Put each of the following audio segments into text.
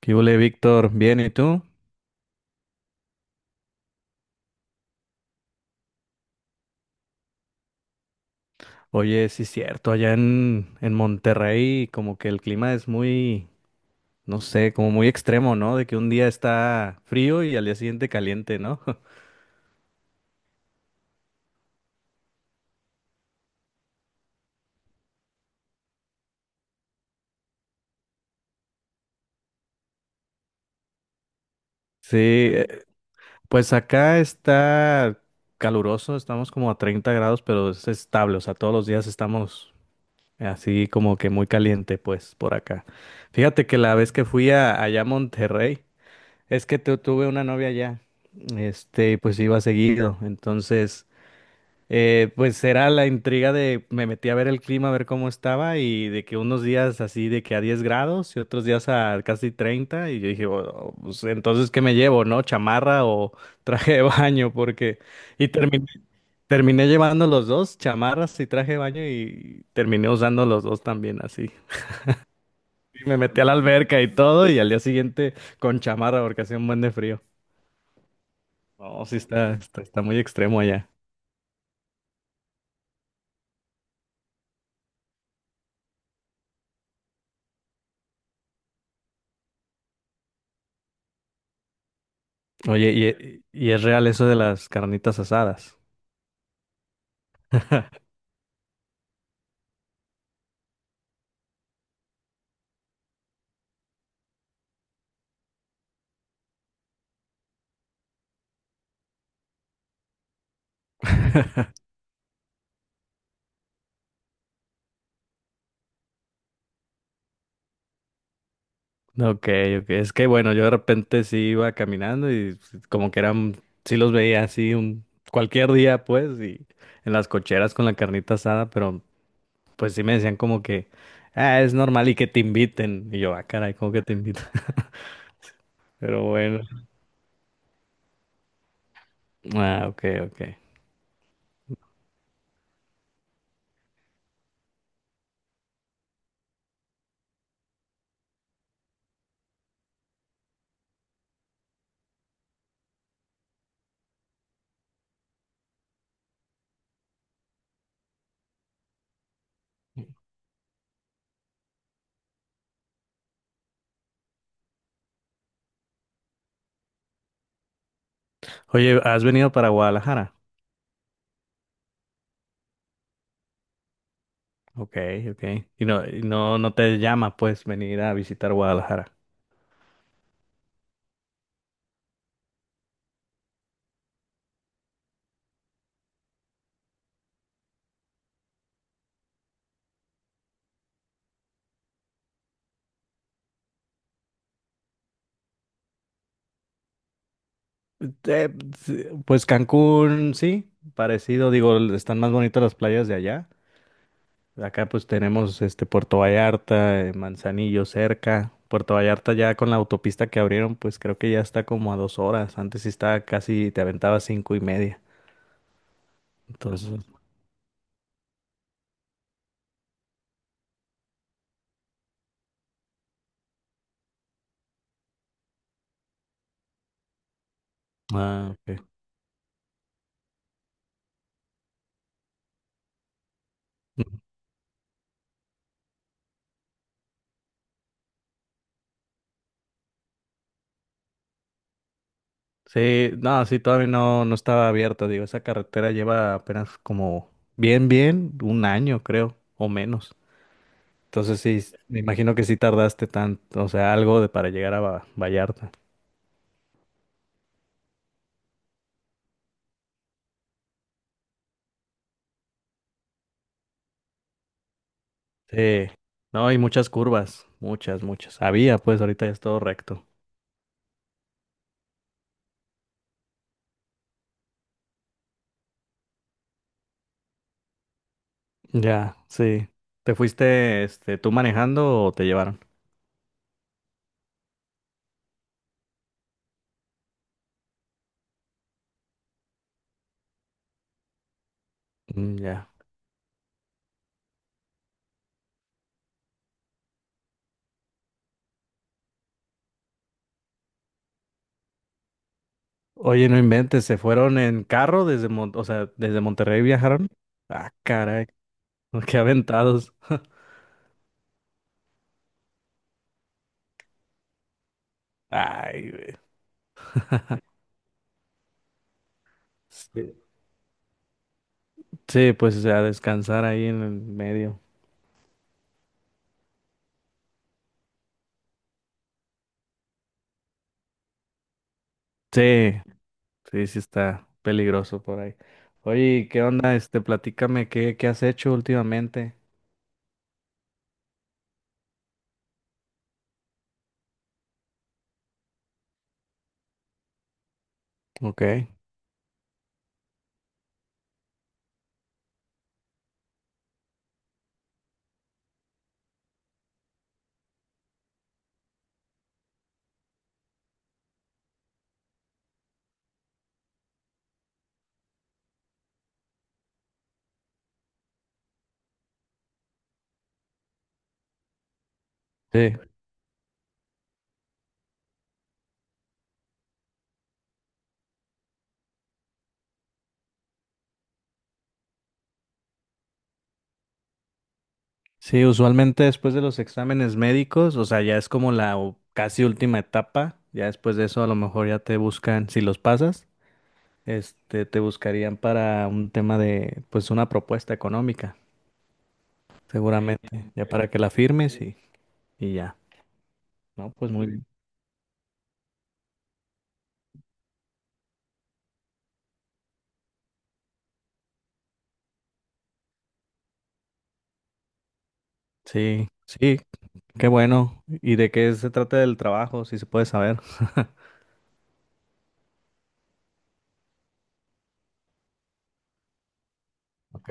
¿Qué hubo, Víctor? Bien, ¿y tú? Oye, sí es cierto, allá en Monterrey como que el clima es muy, no sé, como muy extremo, ¿no? De que un día está frío y al día siguiente caliente, ¿no? Sí, pues acá está caluroso, estamos como a 30 grados, pero es estable, o sea, todos los días estamos así como que muy caliente, pues, por acá. Fíjate que la vez que allá a Monterrey, es que tuve una novia allá, pues iba seguido, entonces... pues era la intriga de me metí a ver el clima, a ver cómo estaba y de que unos días así de que a 10 grados y otros días a casi 30 y yo dije, "Oh, pues entonces ¿qué me llevo, no? ¿Chamarra o traje de baño? Porque y terminé, terminé llevando los dos, chamarras y traje de baño y terminé usando los dos también así. Y me metí a la alberca y todo y al día siguiente con chamarra porque hacía un buen de frío. No, sí está muy extremo allá. Oye, y es real eso de las carnitas asadas. Ok, ok. Es que bueno, yo de repente sí iba caminando y como que eran, sí los veía así un cualquier día, pues, y en las cocheras con la carnita asada, pero pues sí me decían como que, ah, es normal y que te inviten. Y yo, ah, caray, ¿cómo que te invitan? Pero bueno. Ah, ok, ok. Oye, ¿has venido para Guadalajara? Ok, ok. Y no te llama, pues, venir a visitar Guadalajara. Eh, sí, pues Cancún, sí, parecido, digo, están más bonitas las playas de allá. Acá pues tenemos este Puerto Vallarta, Manzanillo cerca. Puerto Vallarta ya con la autopista que abrieron, pues creo que ya está como a 2 horas. Antes sí estaba casi, te aventaba cinco y media. Entonces, ah, ok. Ujú. Sí, no, sí, todavía no, no estaba abierta. Digo, esa carretera lleva apenas como 1 año creo, o menos. Entonces sí, me imagino que sí tardaste tanto, o sea, algo de para llegar a Vallarta. Sí, no, hay muchas curvas, muchas. Había, pues ahorita ya es todo recto. Ya, sí. ¿Te fuiste, tú manejando o te llevaron? Mm, ya. Oye, no inventes, ¿se fueron en carro desde o sea, desde Monterrey viajaron? Ah, caray, qué aventados. Ay, güey. Sí, sí, pues, o sea, descansar ahí en el medio. Sí, sí, sí está peligroso por ahí. Oye, ¿qué onda? Platícame, ¿qué has hecho últimamente? Ok. Sí. Sí, usualmente después de los exámenes médicos, o sea, ya es como la casi última etapa, ya después de eso a lo mejor ya te buscan, si los pasas, te buscarían para un tema de, pues una propuesta económica, seguramente, ya para que la firmes y ya, ¿no? Pues muy bien. Sí, sí, qué bueno. ¿Y de qué se trata el trabajo, si se puede saber? Ok.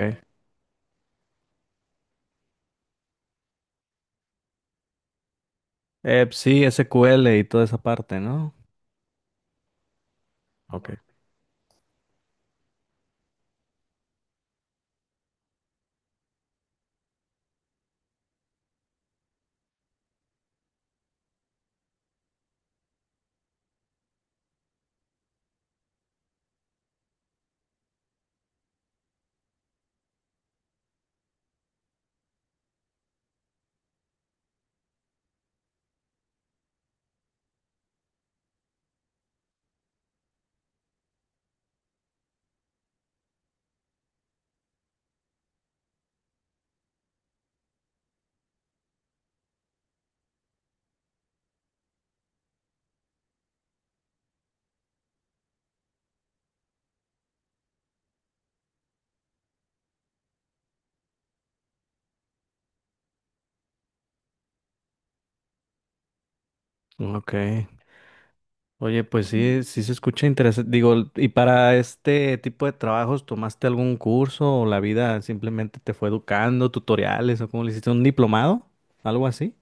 Pues sí, SQL y toda esa parte, ¿no? Ok. Ok. Oye, pues sí, sí se escucha interesante. Digo, ¿y para este tipo de trabajos tomaste algún curso o la vida simplemente te fue educando, tutoriales o cómo le hiciste un diplomado? ¿Algo así?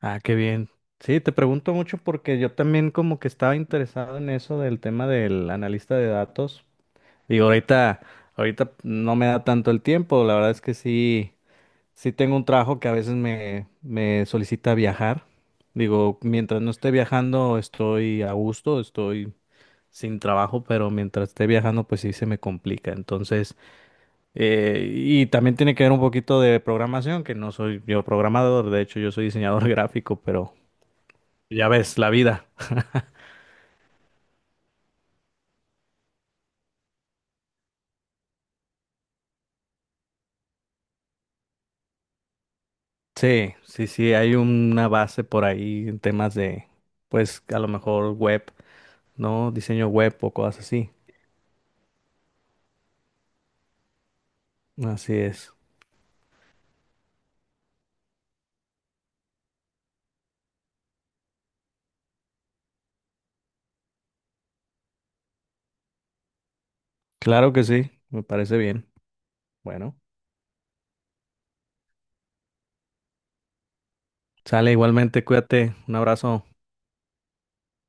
Ah, qué bien. Sí, te pregunto mucho porque yo también como que estaba interesado en eso del tema del analista de datos. Digo, ahorita no me da tanto el tiempo. La verdad es que sí, sí tengo un trabajo que a veces me solicita viajar. Digo, mientras no esté viajando, estoy a gusto, estoy sin trabajo, pero mientras esté viajando, pues sí se me complica. Entonces, y también tiene que ver un poquito de programación, que no soy yo programador, de hecho yo soy diseñador gráfico, pero ya ves, la vida. Sí, sí, sí, hay una base por ahí en temas de, pues a lo mejor web, ¿no? Diseño web o cosas así. Así es. Claro que sí, me parece bien. Bueno, sale igualmente, cuídate, un abrazo.